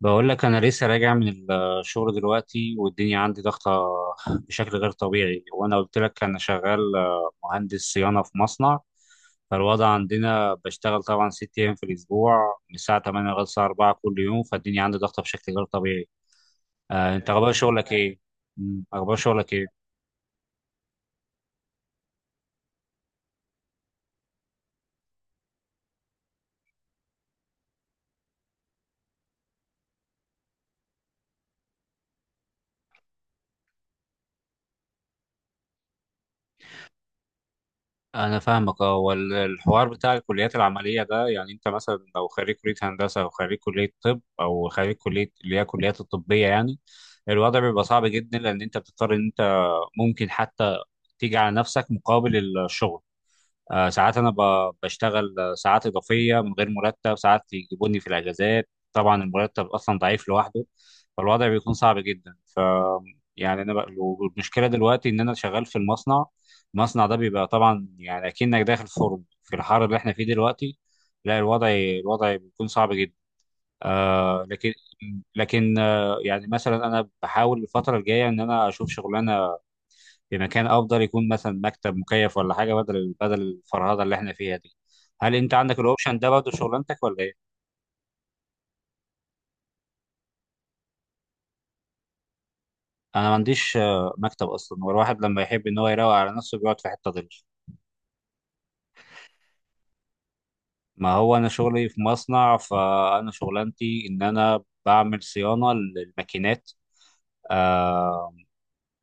بقول لك انا لسه راجع من الشغل دلوقتي، والدنيا عندي ضغطه بشكل غير طبيعي. وانا قلت لك انا شغال، مهندس صيانه في مصنع. فالوضع عندنا بشتغل طبعا 6 ايام في الاسبوع من الساعه 8 لغايه الساعه 4 كل يوم، فالدنيا عندي ضغطه بشكل غير طبيعي. انت اخبار شغلك ايه؟ اخبار شغلك ايه؟ انا فاهمك اه. والحوار بتاع الكليات العمليه ده، يعني انت مثلا لو خريج كليه هندسه او خريج كليه طب او خريج كليه اللي هي الكليات الطبيه يعني، الوضع بيبقى صعب جدا لان انت بتضطر ان انت ممكن حتى تيجي على نفسك مقابل الشغل. ساعات انا بشتغل ساعات اضافيه من غير مرتب، ساعات يجيبوني في الاجازات، طبعا المرتب اصلا ضعيف لوحده. فالوضع بيكون صعب جدا، يعني والمشكله دلوقتي ان انا شغال في المصنع. المصنع ده بيبقى طبعا يعني اكنك داخل فرن في الحر اللي احنا فيه دلوقتي. لا، الوضع بيكون صعب جدا. آه لكن لكن يعني مثلا انا بحاول الفتره الجايه ان انا اشوف شغلانه في مكان افضل، يكون مثلا مكتب مكيف ولا حاجه، بدل الفرهده اللي احنا فيها دي. هل انت عندك الاوبشن ده برضه في شغلانتك ولا ايه؟ انا ما عنديش مكتب اصلا، هو الواحد لما يحب ان هو يروق على نفسه بيقعد في حته ظل. ما هو انا شغلي في مصنع، فانا شغلانتي ان انا بعمل صيانه للماكينات. آه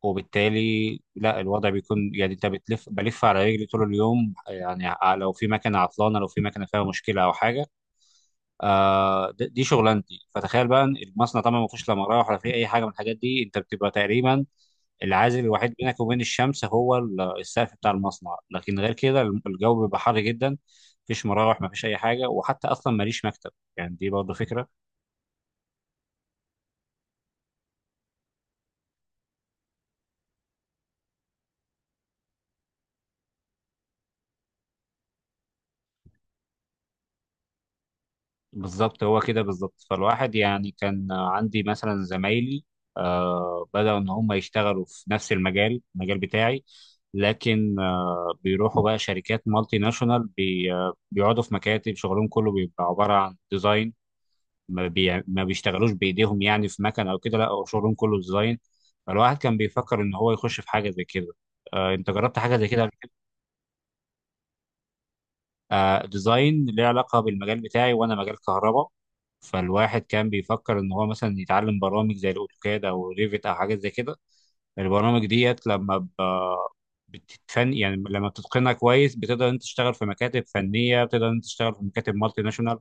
وبالتالي لا، الوضع بيكون يعني انت بتلف بلف على رجلي طول اليوم، يعني لو في مكنه عطلانه، لو في مكنه فيها مشكله او حاجه، دي شغلانتي. فتخيل بقى إن المصنع طبعا ما فيهوش لا مراوح ولا فيه اي حاجه من الحاجات دي، انت بتبقى تقريبا العازل الوحيد بينك وبين الشمس هو السقف بتاع المصنع، لكن غير كده الجو بيبقى حر جدا. مفيش مراوح، مفيش اي حاجه، وحتى اصلا ماليش مكتب، يعني دي برضه فكره. بالظبط، هو كده بالظبط. فالواحد يعني كان عندي مثلا زمايلي بدأوا ان هم يشتغلوا في نفس المجال بتاعي. لكن بيروحوا بقى شركات مالتي ناشونال، بي آه، بيقعدوا في مكاتب، شغلهم كله بيبقى عبارة عن ديزاين. ما بيشتغلوش بإيديهم، يعني في مكن أو كده، لا هو شغلهم كله ديزاين. فالواحد كان بيفكر إن هو يخش في حاجة زي كده. أنت جربت حاجة زي كده قبل؟ ديزاين ليه علاقة بالمجال بتاعي، وأنا مجال كهرباء. فالواحد كان بيفكر إن هو مثلا يتعلم برامج زي الأوتوكاد أو ريفيت أو حاجات زي كده. البرامج ديت، لما بتتفن، يعني لما بتتقنها كويس، بتقدر أنت تشتغل في مكاتب فنية، بتقدر أنت تشتغل في مكاتب مالتي ناشونال،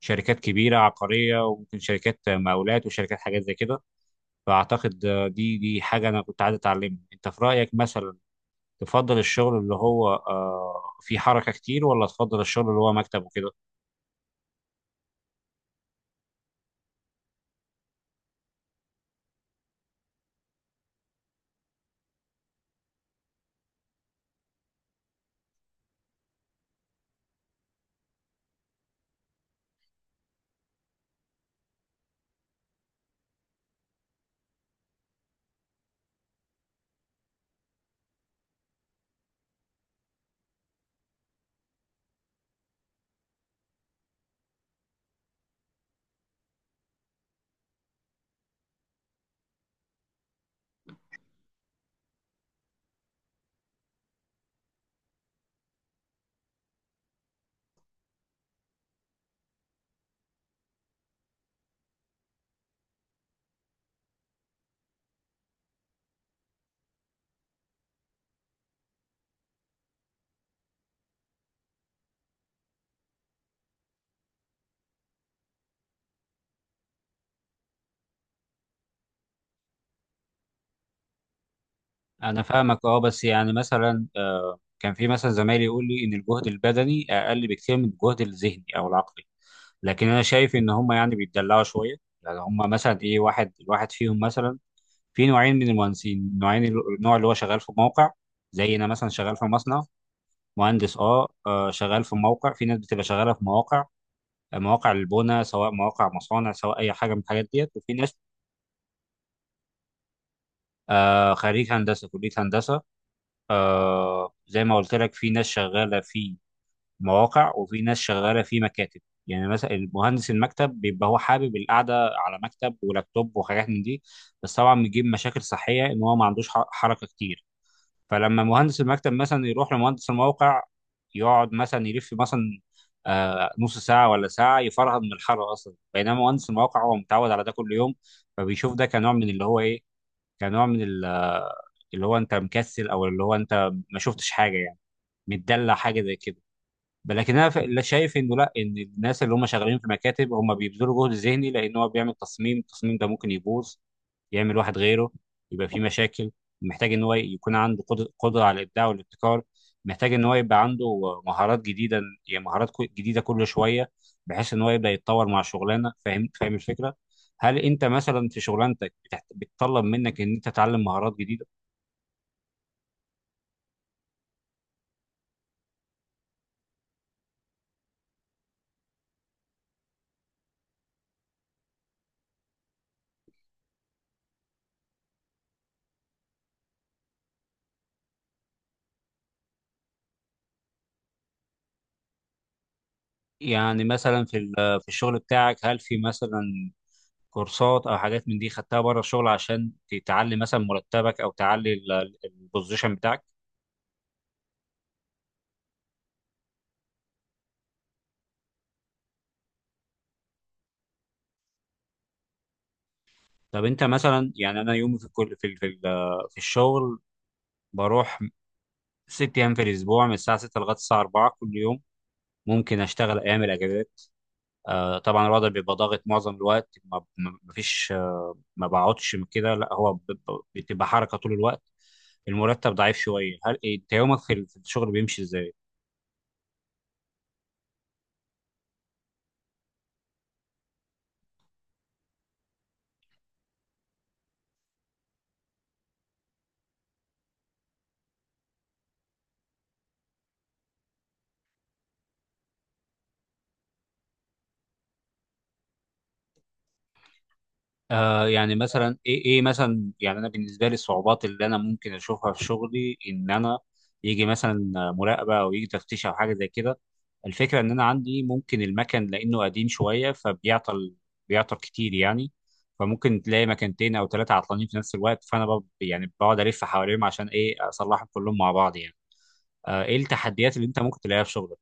شركات كبيرة عقارية، وممكن شركات مقاولات، وشركات حاجات زي كده. فأعتقد دي حاجة أنا كنت عايز أتعلمها. أنت في رأيك مثلا تفضل الشغل اللي هو فيه حركة كتير، ولا تفضل الشغل اللي هو مكتب وكده؟ أنا فاهمك أه. بس يعني مثلا كان في مثلا زمايلي يقول لي إن الجهد البدني أقل بكتير من الجهد الذهني أو العقلي، لكن أنا شايف إن هم يعني بيتدلعوا شوية، يعني هم مثلا الواحد فيهم مثلا، في نوعين من المهندسين، نوعين، النوع اللي هو شغال في موقع، زي أنا مثلا شغال في مصنع. مهندس، أه آه، شغال في موقع، في ناس بتبقى شغالة في مواقع، مواقع البناء، سواء مواقع مصانع، سواء اي حاجه من الحاجات ديت، وفي ناس. آه، خريج هندسة كلية هندسة. آه، زي ما قلت لك، في ناس شغالة في مواقع وفي ناس شغالة في مكاتب. يعني مثلا المهندس المكتب بيبقى هو حابب القعدة على مكتب ولابتوب وحاجات من دي، بس طبعا بيجيب مشاكل صحية إن هو ما عندوش حركة كتير. فلما مهندس المكتب مثلا يروح لمهندس الموقع، يقعد مثلا يلف مثلا نص ساعة ولا ساعة يفرهد من الحر أصلا، بينما مهندس الموقع هو متعود على ده كل يوم. فبيشوف ده كنوع من اللي هو كنوع من اللي هو انت مكسل، او اللي هو انت ما شفتش حاجه يعني، متدلع، حاجه زي كده. لكن انا لا، شايف انه لا، ان الناس اللي هم شغالين في مكاتب هم بيبذلوا جهد ذهني، لان هو بيعمل تصميم، التصميم ده ممكن يبوظ، يعمل واحد غيره، يبقى في مشاكل. محتاج ان هو يكون عنده قدرة على الابداع والابتكار. محتاج ان هو يبقى عنده مهارات جديدة، يعني مهارات جديدة كل شوية، بحيث ان هو يبدأ يتطور مع الشغلانة. فاهم الفكرة؟ هل انت مثلا في شغلانتك بتطلب منك ان انت تتعلم مهارات جديدة؟ يعني مثلا في ال- في الشغل بتاعك، هل في مثلا كورسات او حاجات من دي خدتها بره الشغل عشان تعلي مثلا مرتبك، او تعلي البوزيشن بتاعك؟ طب انت مثلا، يعني انا يومي في الكل، في في الشغل بروح 6 ايام في الاسبوع من الساعه 6 لغايه الساعه 4 كل يوم، ممكن اشتغل ايام الاجازات. طبعا الوضع بيبقى ضاغط معظم الوقت، ما فيش ما بقعدش من كده، لا هو بتبقى حركه طول الوقت. المرتب ضعيف شويه. هل انت يومك في في الشغل بيمشي ازاي؟ يعني مثلا ايه مثلا، يعني انا بالنسبه لي الصعوبات اللي انا ممكن اشوفها في شغلي، ان انا يجي مثلا مراقبه او يجي تفتيش او حاجه زي كده. الفكره ان انا عندي ممكن، المكن لانه قديم شويه فبيعطل، بيعطل كتير يعني. فممكن تلاقي مكانتين او ثلاثه عطلانين في نفس الوقت، فانا يعني بقعد الف حواليهم، عشان اصلحهم كلهم مع بعض يعني. ايه التحديات اللي انت ممكن تلاقيها في شغلك؟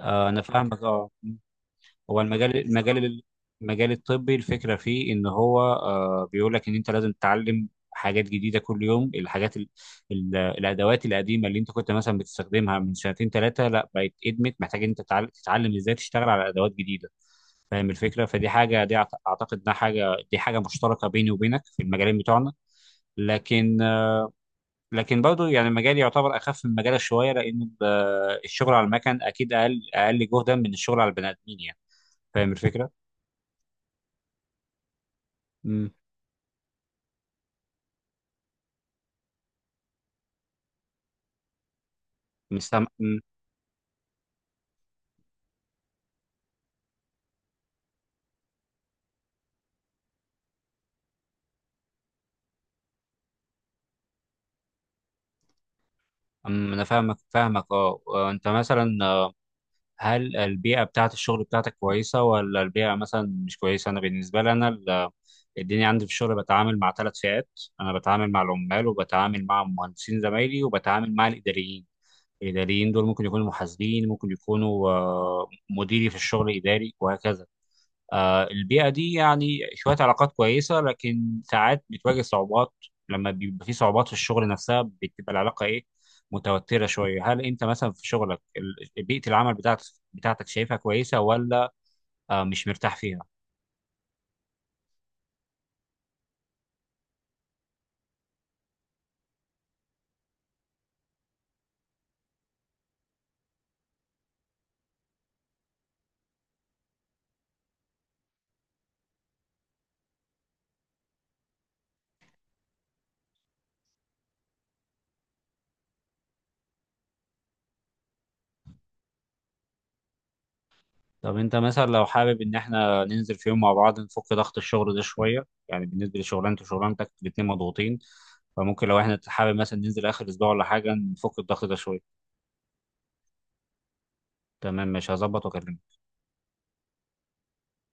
آه، انا فاهمك اه. هو المجال، المجال الطبي، الفكره فيه ان هو بيقول لك ان انت لازم تتعلم حاجات جديده كل يوم. الحاجات، ال ال الادوات القديمه اللي انت كنت مثلا بتستخدمها من سنتين ثلاثه، لا بقت ادمت، محتاج ان انت تتعلم ازاي تشتغل على ادوات جديده. فاهم الفكره؟ فدي حاجه، دي اعتقد انها حاجه، دي حاجه مشتركه بيني وبينك في المجالين بتوعنا. لكن لكن برضه يعني مجالي يعتبر اخف من مجالك شويه، لان الشغل على المكن اكيد اقل، اقل جهدا من الشغل على البني ادمين يعني. فاهم الفكره. مش سام... م- م- انا فاهمك اه. انت مثلا هل البيئه بتاعه الشغل بتاعتك كويسه ولا البيئه مثلا مش كويسه؟ انا بالنسبه لي انا الدنيا عندي في الشغل بتعامل مع ثلاث فئات. انا بتعامل مع العمال، وبتعامل مع مهندسين زمايلي، وبتعامل مع الاداريين. الاداريين دول ممكن يكونوا محاسبين، ممكن يكونوا مديري في الشغل، اداري وهكذا. البيئة دي يعني شوية علاقات كويسة، لكن ساعات بتواجه صعوبات. لما بيبقى في صعوبات في الشغل نفسها، بتبقى العلاقة متوترة شوية. هل أنت مثلا في شغلك بيئة العمل بتاعتك شايفها كويسة، ولا مش مرتاح فيها؟ طب أنت مثلا لو حابب إن إحنا ننزل في يوم مع بعض نفك ضغط الشغل ده شوية، يعني بالنسبة لشغلانتي وشغلانتك الاتنين مضغوطين، فممكن لو إحنا حابب مثلا ننزل آخر أسبوع ولا حاجة نفك الضغط ده شوية. تمام، مش هظبط وأكلمك.